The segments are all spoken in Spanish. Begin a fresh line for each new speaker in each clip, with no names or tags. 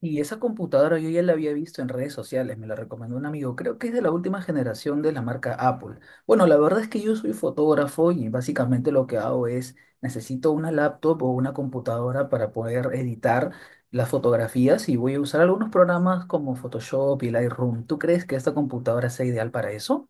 Y esa computadora yo ya la había visto en redes sociales, me la recomendó un amigo, creo que es de la última generación de la marca Apple. Bueno, la verdad es que yo soy fotógrafo y básicamente lo que hago es necesito una laptop o una computadora para poder editar las fotografías y voy a usar algunos programas como Photoshop y Lightroom. ¿Tú crees que esta computadora sea ideal para eso?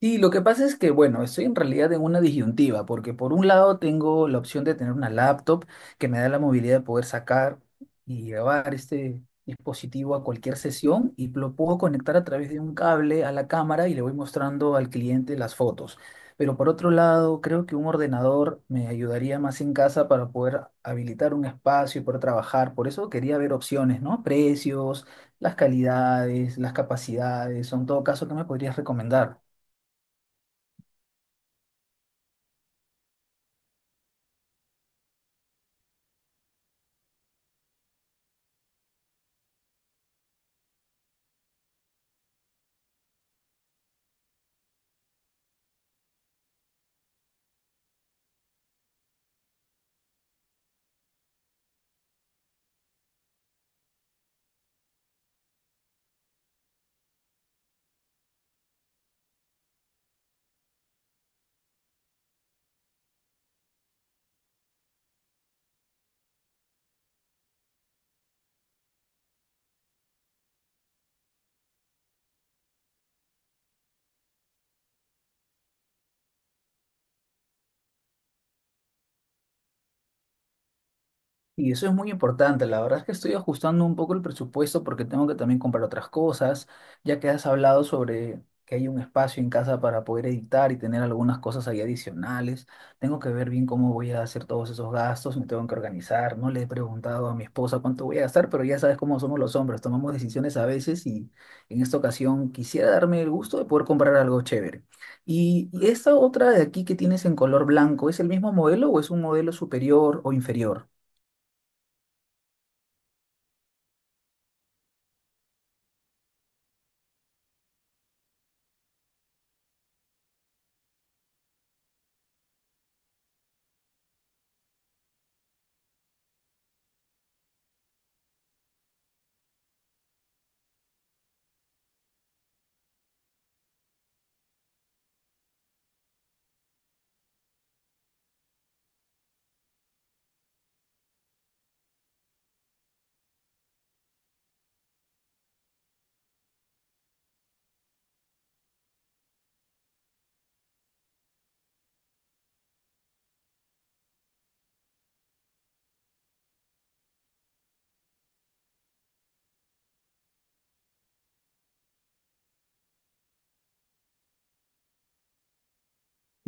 Sí, lo que pasa es que, bueno, estoy en realidad en una disyuntiva, porque por un lado tengo la opción de tener una laptop que me da la movilidad de poder sacar y llevar este dispositivo a cualquier sesión y lo puedo conectar a través de un cable a la cámara y le voy mostrando al cliente las fotos. Pero por otro lado, creo que un ordenador me ayudaría más en casa para poder habilitar un espacio y poder trabajar. Por eso quería ver opciones, ¿no? Precios, las calidades, las capacidades, son todo caso que me podrías recomendar. Y eso es muy importante. La verdad es que estoy ajustando un poco el presupuesto porque tengo que también comprar otras cosas, ya que has hablado sobre que hay un espacio en casa para poder editar y tener algunas cosas ahí adicionales. Tengo que ver bien cómo voy a hacer todos esos gastos, me tengo que organizar. No le he preguntado a mi esposa cuánto voy a gastar, pero ya sabes cómo somos los hombres, tomamos decisiones a veces y en esta ocasión quisiera darme el gusto de poder comprar algo chévere. Y esta otra de aquí que tienes en color blanco, ¿es el mismo modelo o es un modelo superior o inferior?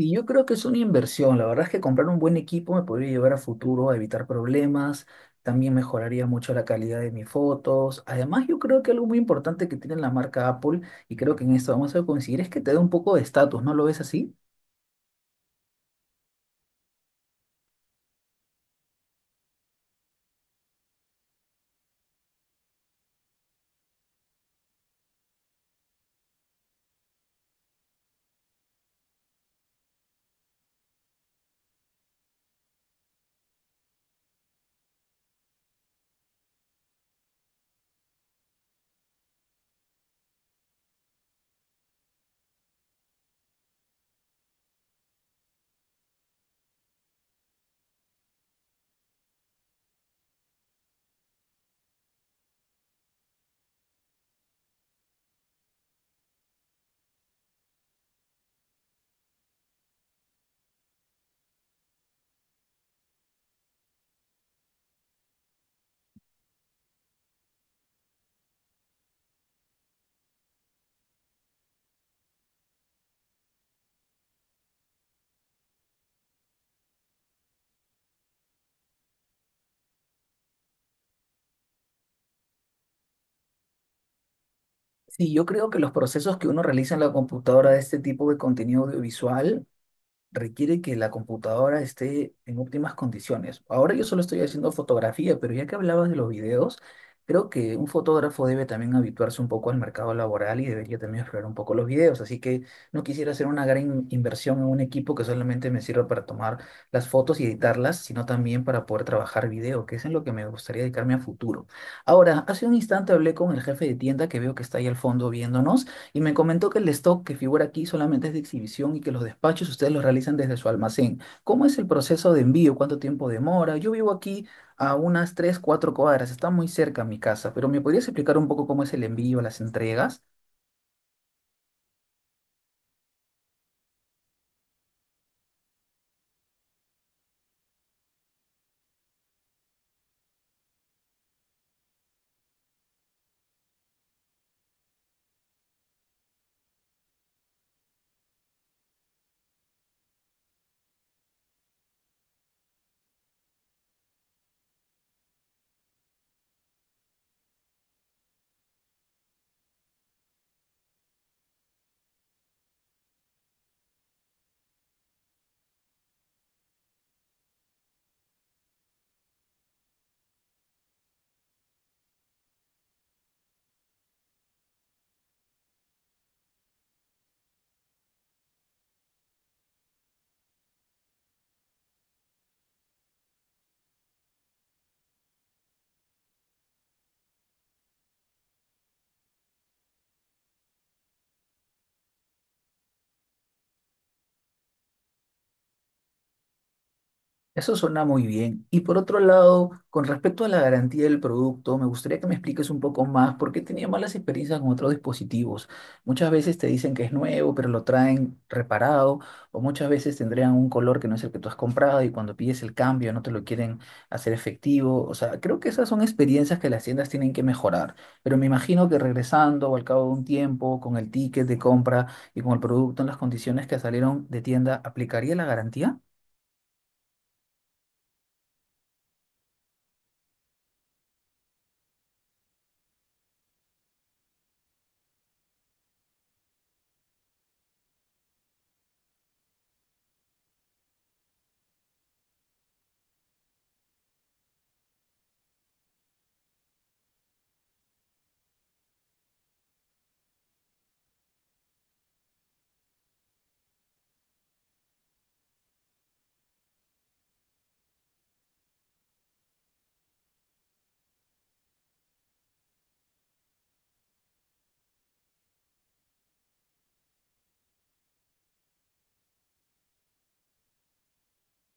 Y yo creo que es una inversión. La verdad es que comprar un buen equipo me podría llevar a futuro a evitar problemas. También mejoraría mucho la calidad de mis fotos. Además, yo creo que algo muy importante que tiene la marca Apple, y creo que en esto vamos a coincidir, es que te da un poco de estatus, ¿no lo ves así? Sí, yo creo que los procesos que uno realiza en la computadora de este tipo de contenido audiovisual requiere que la computadora esté en óptimas condiciones. Ahora yo solo estoy haciendo fotografía, pero ya que hablabas de los videos, creo que un fotógrafo debe también habituarse un poco al mercado laboral y debería también explorar un poco los videos. Así que no quisiera hacer una gran inversión en un equipo que solamente me sirva para tomar las fotos y editarlas, sino también para poder trabajar video, que es en lo que me gustaría dedicarme a futuro. Ahora, hace un instante hablé con el jefe de tienda que veo que está ahí al fondo viéndonos y me comentó que el stock que figura aquí solamente es de exhibición y que los despachos ustedes los realizan desde su almacén. ¿Cómo es el proceso de envío? ¿Cuánto tiempo demora? Yo vivo aquí a unas 3 4 cuadras, está muy cerca mi casa, pero ¿me podrías explicar un poco cómo es el envío, las entregas? Eso suena muy bien. Y por otro lado, con respecto a la garantía del producto, me gustaría que me expliques un poco más por qué tenía malas experiencias con otros dispositivos. Muchas veces te dicen que es nuevo, pero lo traen reparado, o muchas veces tendrían un color que no es el que tú has comprado y cuando pides el cambio no te lo quieren hacer efectivo. O sea, creo que esas son experiencias que las tiendas tienen que mejorar. Pero me imagino que regresando o al cabo de un tiempo, con el ticket de compra y con el producto en las condiciones que salieron de tienda, ¿aplicaría la garantía?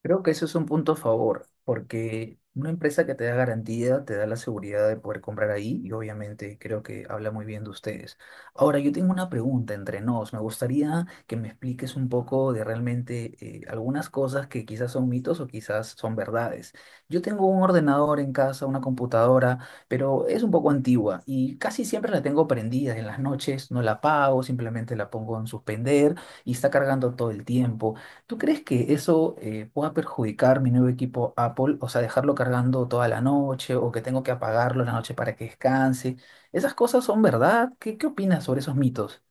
Creo que eso es un punto a favor, porque una empresa que te da garantía, te da la seguridad de poder comprar ahí y obviamente creo que habla muy bien de ustedes. Ahora, yo tengo una pregunta entre nos. Me gustaría que me expliques un poco de realmente algunas cosas que quizás son mitos o quizás son verdades. Yo tengo un ordenador en casa, una computadora, pero es un poco antigua y casi siempre la tengo prendida en las noches, no la apago, simplemente la pongo en suspender y está cargando todo el tiempo. ¿Tú crees que eso pueda perjudicar mi nuevo equipo Apple? O sea, dejarlo cargando toda la noche o que tengo que apagarlo en la noche para que descanse. ¿Esas cosas son verdad? ¿Qué opinas sobre esos mitos?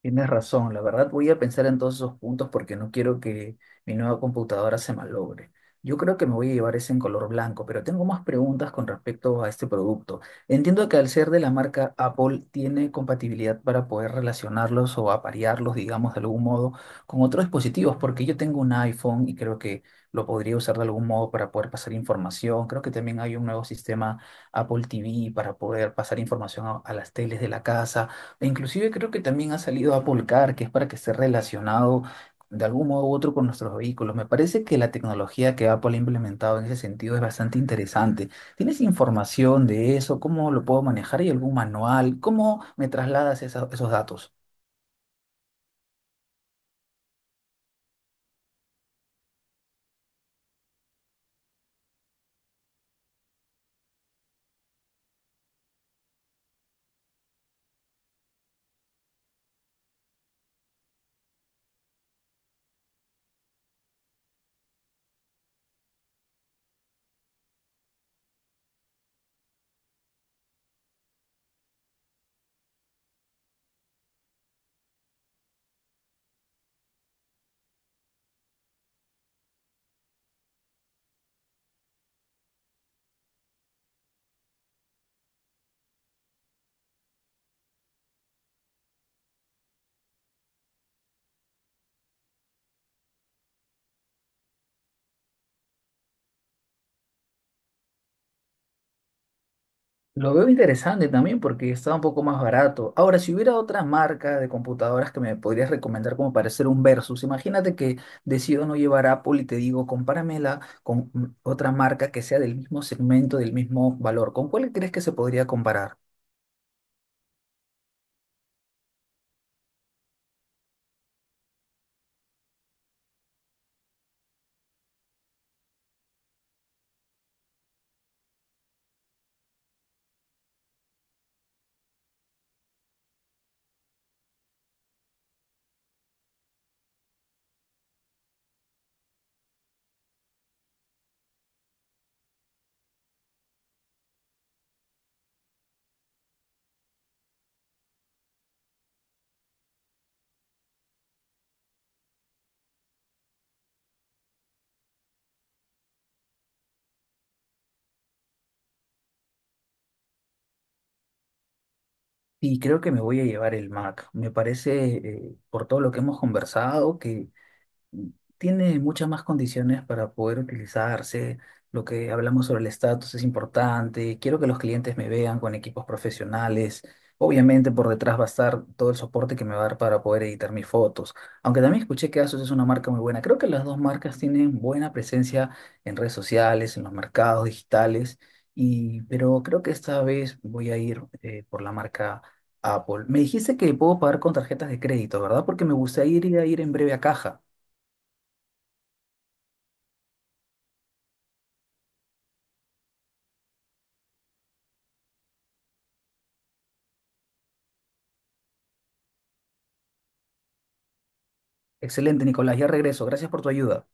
Tienes razón, la verdad voy a pensar en todos esos puntos porque no quiero que mi nueva computadora se malogre. Yo creo que me voy a llevar ese en color blanco, pero tengo más preguntas con respecto a este producto. Entiendo que al ser de la marca Apple tiene compatibilidad para poder relacionarlos o aparearlos, digamos, de algún modo con otros dispositivos, porque yo tengo un iPhone y creo que lo podría usar de algún modo para poder pasar información. Creo que también hay un nuevo sistema Apple TV para poder pasar información a las teles de la casa. E inclusive creo que también ha salido Apple Car, que es para que esté relacionado de algún modo u otro con nuestros vehículos. Me parece que la tecnología que Apple ha implementado en ese sentido es bastante interesante. ¿Tienes información de eso? ¿Cómo lo puedo manejar? ¿Hay algún manual? ¿Cómo me trasladas esos datos? Lo veo interesante también porque está un poco más barato. Ahora, si hubiera otra marca de computadoras que me podrías recomendar como para hacer un versus, imagínate que decido no llevar Apple y te digo, compáramela con mm, otra marca que sea del mismo segmento, del mismo valor. ¿Con cuál crees que se podría comparar? Y creo que me voy a llevar el Mac. Me parece, por todo lo que hemos conversado, que tiene muchas más condiciones para poder utilizarse. Lo que hablamos sobre el estatus es importante. Quiero que los clientes me vean con equipos profesionales. Obviamente por detrás va a estar todo el soporte que me va a dar para poder editar mis fotos. Aunque también escuché que ASUS es una marca muy buena. Creo que las dos marcas tienen buena presencia en redes sociales, en los mercados digitales. Y, pero creo que esta vez voy a ir por la marca Apple. Me dijiste que puedo pagar con tarjetas de crédito, ¿verdad? Porque me gustaría ir a ir en breve a caja. Excelente, Nicolás, ya regreso. Gracias por tu ayuda.